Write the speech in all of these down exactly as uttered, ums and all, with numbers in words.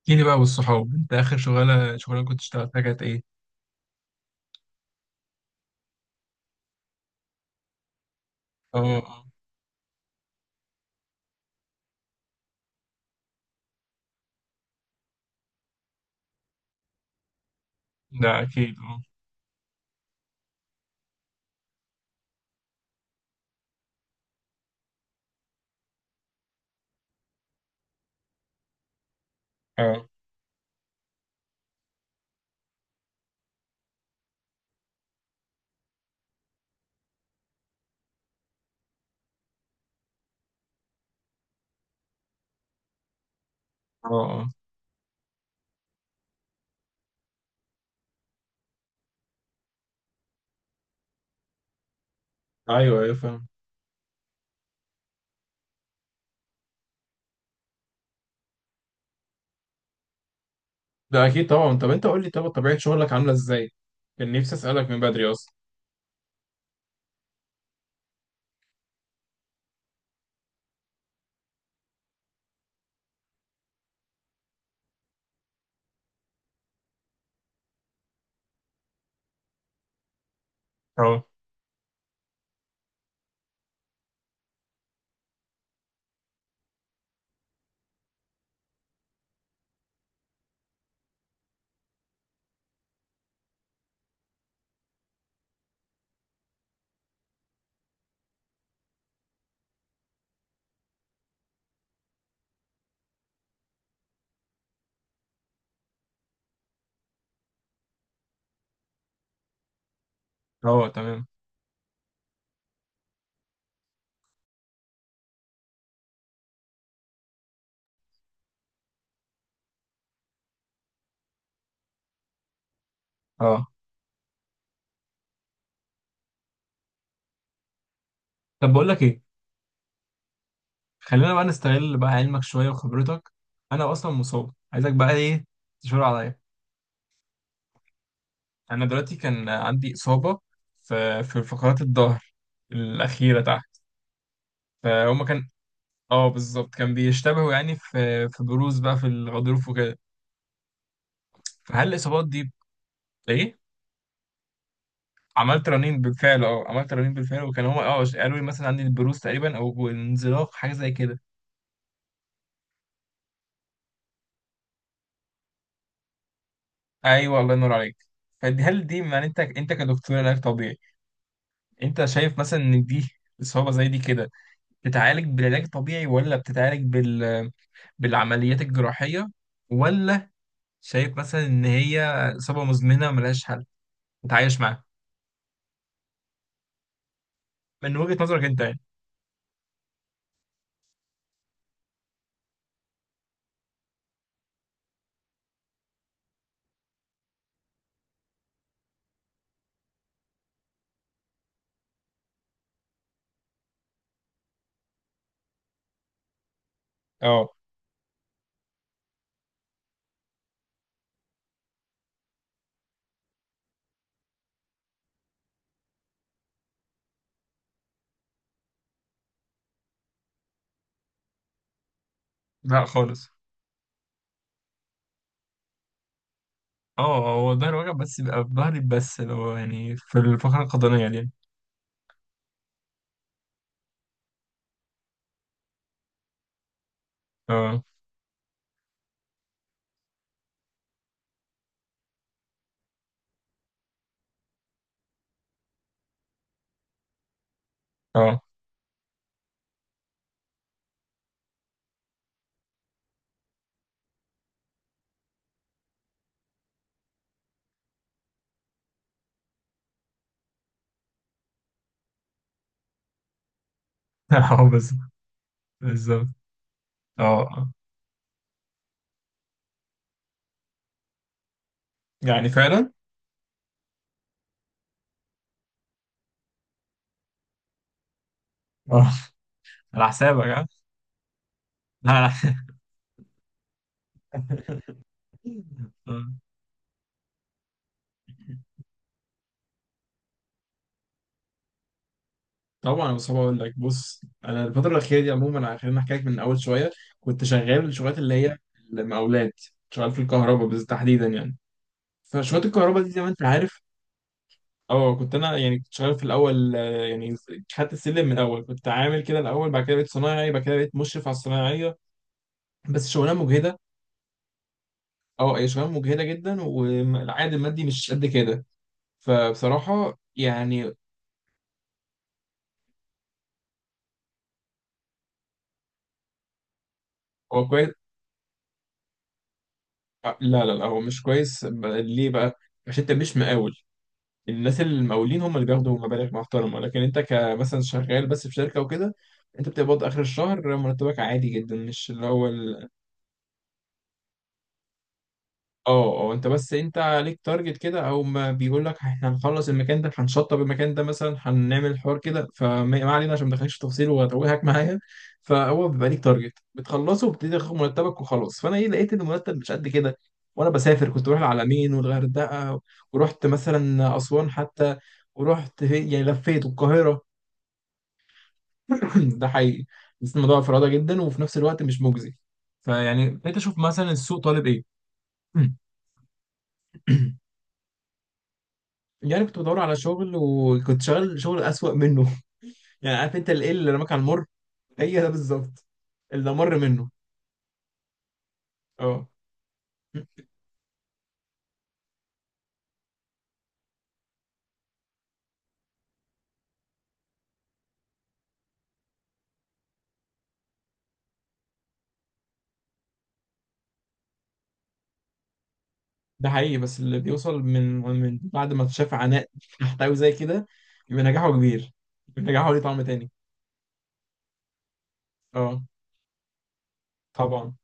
احكي لي بقى والصحاب، انت اخر شغاله شغاله كنت اشتغلتها كانت ايه؟ اه. اه. ده اكيد. اه. اه. اه. اه. ايوه ايوه، فاهم. ده اكيد طبعا. طب انت قول لي، طب طبيعه شغلك عامله ازاي؟ كان نفسي اسالك من بدري اصلا. اه. اه. تمام. اه. طب بقول لك ايه، خلينا بقى نستغل بقى علمك شويه وخبرتك. انا اصلا مصاب، عايزك بقى ايه، تشاور عليا. انا دلوقتي كان عندي اصابه في في فقرات الظهر الاخيره تحت. فهم كان اه بالظبط، كان بيشتبهوا يعني في في بروز بقى في الغضروف وكده. فهل الاصابات دي ايه؟ عملت رنين بالفعل. اه، عملت رنين بالفعل، وكان هما اه قالوا لي مثلا عندي البروز تقريبا او انزلاق حاجه زي كده. ايوه الله ينور عليك. فدي هل دي يعني انت انت كدكتور علاج طبيعي، انت شايف مثلا ان دي اصابه زي دي كده بتتعالج بالعلاج الطبيعي، ولا بتتعالج بال بالعمليات الجراحيه، ولا شايف مثلا ان هي اصابه مزمنه ملهاش حل، تتعايش معاها؟ من وجهه نظرك انت يعني. اه. لا خالص. اه هو ظهر، وجع بس بيبقى في ظهري بس اللي هو يعني في الفقرة القطنية دي. اه. اه. اه. بس بالظبط. اه. آه. يعني فعلا. اه. على حسابك ها. لا على حسابك. آه. طبعا يا مصطفى، اقول لك بص، انا الفتره الاخيره دي عموما، خلينا احكي لك من اول شويه. كنت شغال الشغلات اللي هي المقاولات. شغال في الكهرباء بالتحديدا يعني. فشغلات الكهرباء دي زي ما انت عارف. اه كنت انا يعني كنت شغال في الاول، آه، يعني خدت السلم من الاول، كنت عامل كده الاول، بعد كده بقيت صنايعي، بعد كده بقيت مشرف على الصنايعيه. بس شغلانه مجهده. اه هي شغلانه مجهده جدا، والعائد المادي مش قد كده. فبصراحه يعني. هو كويس؟ آه، لا لا لا، هو مش كويس ب- ليه بقى؟ عشان انت مش مقاول. الناس المقاولين هم اللي بياخدوا مبالغ محترمه، لكن انت كمثلا شغال بس في شركه وكده. انت بتقبض اخر الشهر مرتبك عادي جدا، مش اللي هو. اه. اه انت بس انت عليك تارجت كده، او ما بيقول لك احنا هنخلص المكان ده، هنشطب المكان ده مثلا، هنعمل حوار كده، فما ما علينا عشان ما ادخلكش في تفاصيل واتوهك معايا. فهو بيبقى ليك تارجت بتخلصه وبتبتدي تاخد مرتبك وخلاص. فانا ايه، لقيت ان المرتب مش قد كده. وانا بسافر كنت بروح العلمين والغردقه، ورحت مثلا اسوان حتى، ورحت في- يعني لفيت القاهره. ده حقيقي، بس الموضوع فرادة جدا، وفي نفس الوقت مش مجزي. فيعني بقيت اشوف مثلا السوق طالب ايه. يعني كنت بدور على شغل، وكنت شغال شغل أسوأ منه. يعني عارف انت الايه اللي رماك على المر، هي ده بالظبط اللي مر منه. اه ده حقيقي، بس اللي بيوصل من من بعد ما شاف عناء تحتوي زي كده، يبقى نجاحه كبير، يبقى نجاحه ليه طعم تاني. اه طبعا.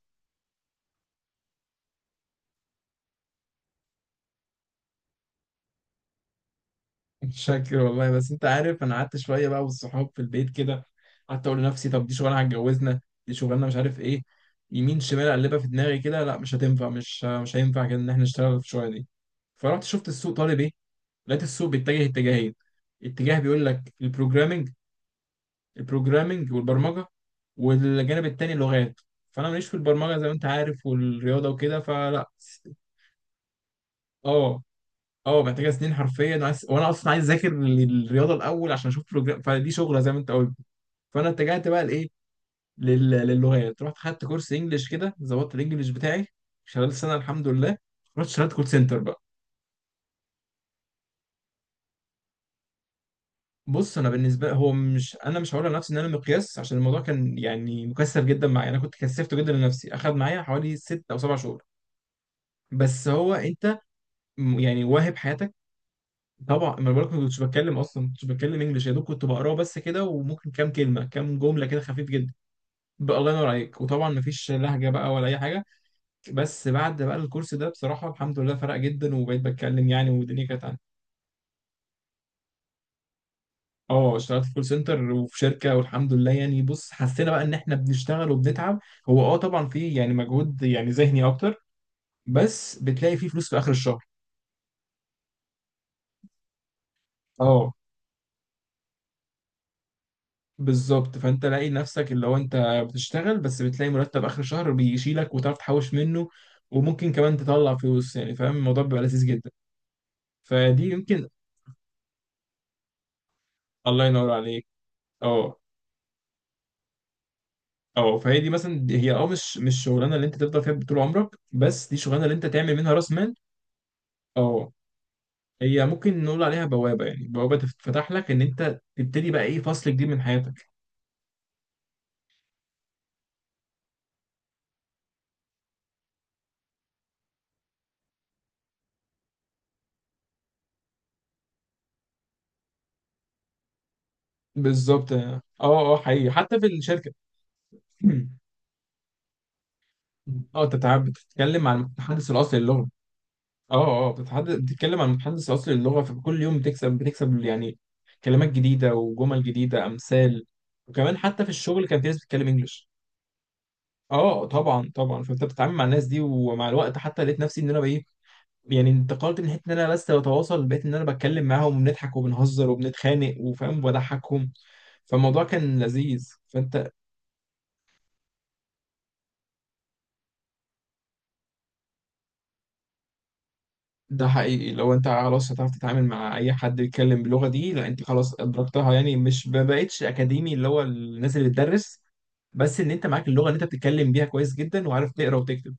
شاكر والله، بس انت عارف انا قعدت شويه بقى والصحاب في البيت كده، قعدت اقول لنفسي طب دي شغلانه هتجوزنا؟ دي شغلانه مش عارف ايه. يمين شمال اقلبها في دماغي كده، لا مش هتنفع، مش مش هينفع كده ان احنا نشتغل في الشغلانه دي. فرحت شفت السوق طالب ايه، لقيت السوق بيتجه اتجاهين. اتجاه بيقول لك البروجرامنج. البروجرامنج والبرمجه. والجانب التاني لغات. فانا ماليش في البرمجه زي ما انت عارف والرياضه وكده، فلا. اه. اه محتاجه سنين حرفيا، وعايز- وانا اصلا عايز اذاكر للرياضه الاول عشان اشوف بروجرام، فدي شغله زي ما انت قلت. فانا اتجهت بقى لايه، لل- للغات. رحت خدت كورس انجلش كده، ظبطت الانجليش بتاعي خلال السنه الحمد لله. رحت اشتغلت كول سنتر بقى. بص انا بالنسبه، هو مش انا مش هقول لنفسي ان انا مقياس، عشان الموضوع كان يعني مكثف جدا معايا، انا كنت كثفته جدا لنفسي، اخذ معايا حوالي ست او سبع شهور. بس هو انت م- يعني واهب حياتك. طبعا ما أنا بقولك، ما كنتش بتكلم اصلا، ما كنتش بتكلم انجلش، يا دوب كنت بقراه بس كده، وممكن كام كلمه كام جمله كده، خفيف جدا. بقى الله ينور عليك، وطبعا ما فيش لهجه بقى ولا اي حاجه. بس بعد بقى الكورس ده بصراحه الحمد لله، فرق جدا، وبقيت بتكلم يعني والدنيا كانت عندي. اه اشتغلت في كول سنتر وفي شركه والحمد لله يعني. بص حسينا بقى ان احنا بنشتغل وبنتعب. هو اه طبعا في يعني مجهود يعني ذهني اكتر، بس بتلاقي فيه فلوس في اخر الشهر. اه بالظبط، فانت لاقي نفسك اللي هو انت بتشتغل، بس بتلاقي مرتب اخر الشهر بيشيلك وتعرف تحوش منه، وممكن كمان تطلع فلوس يعني، فاهم، الموضوع بيبقى لذيذ جدا. فدي يمكن. الله ينور عليك. اه. اه فهي دي مثلا، دي هي اه مش مش الشغلانه اللي انت تفضل فيها طول عمرك، بس دي شغلانه اللي انت تعمل منها راس مال. اه هي ممكن نقول عليها بوابه، يعني بوابه تفتح لك ان انت تبتدي بقى ايه فصل جديد من حياتك. بالظبط. اه. اه حقيقي، حتى في الشركه. اه انت بتتعب- بتتكلم عن المتحدث الاصلي للغه. اه. اه بتتحدث بتتكلم عن متحدث اصلي للغه، فكل يوم بتكسب بتكسب يعني كلمات جديده وجمل جديده، امثال. وكمان حتى في الشغل كان في ناس بتتكلم انجلش. اه. اه، طبعا طبعا، فانت بتتعامل مع الناس دي، ومع الوقت حتى لقيت نفسي ان انا بايه، يعني انتقلت من حته ان انا بس بتواصل، بقيت ان انا بتكلم معاهم وبنضحك وبنهزر وبنتخانق، وفاهم وبضحكهم، فالموضوع كان لذيذ. فانت ده حقيقي، لو انت خلاص هتعرف تتعامل مع اي حد بيتكلم باللغه دي، لا انت خلاص ادركتها، يعني مش، ما بقتش اكاديمي اللي هو الناس اللي بتدرس، بس ان انت معاك اللغه اللي انت بتتكلم بيها كويس جدا، وعارف تقرا وتكتب.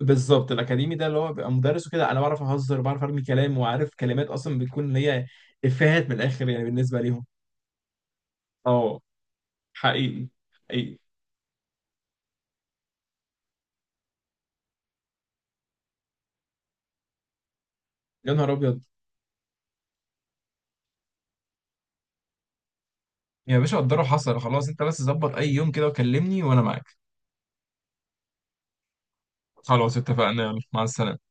بالظبط. الاكاديمي ده اللي هو بيبقى مدرس وكده، انا بعرف اهزر، بعرف ارمي كلام، وعارف كلمات اصلا بتكون اللي هي افيهات من الاخر يعني بالنسبه ليهم. اه حقيقي. حقيقي. يا نهار ابيض. يا باشا قدره، حصل، خلاص انت بس ظبط اي يوم كده وكلمني وانا معاك. خلاص اتفقنا، يلا مع السلامه.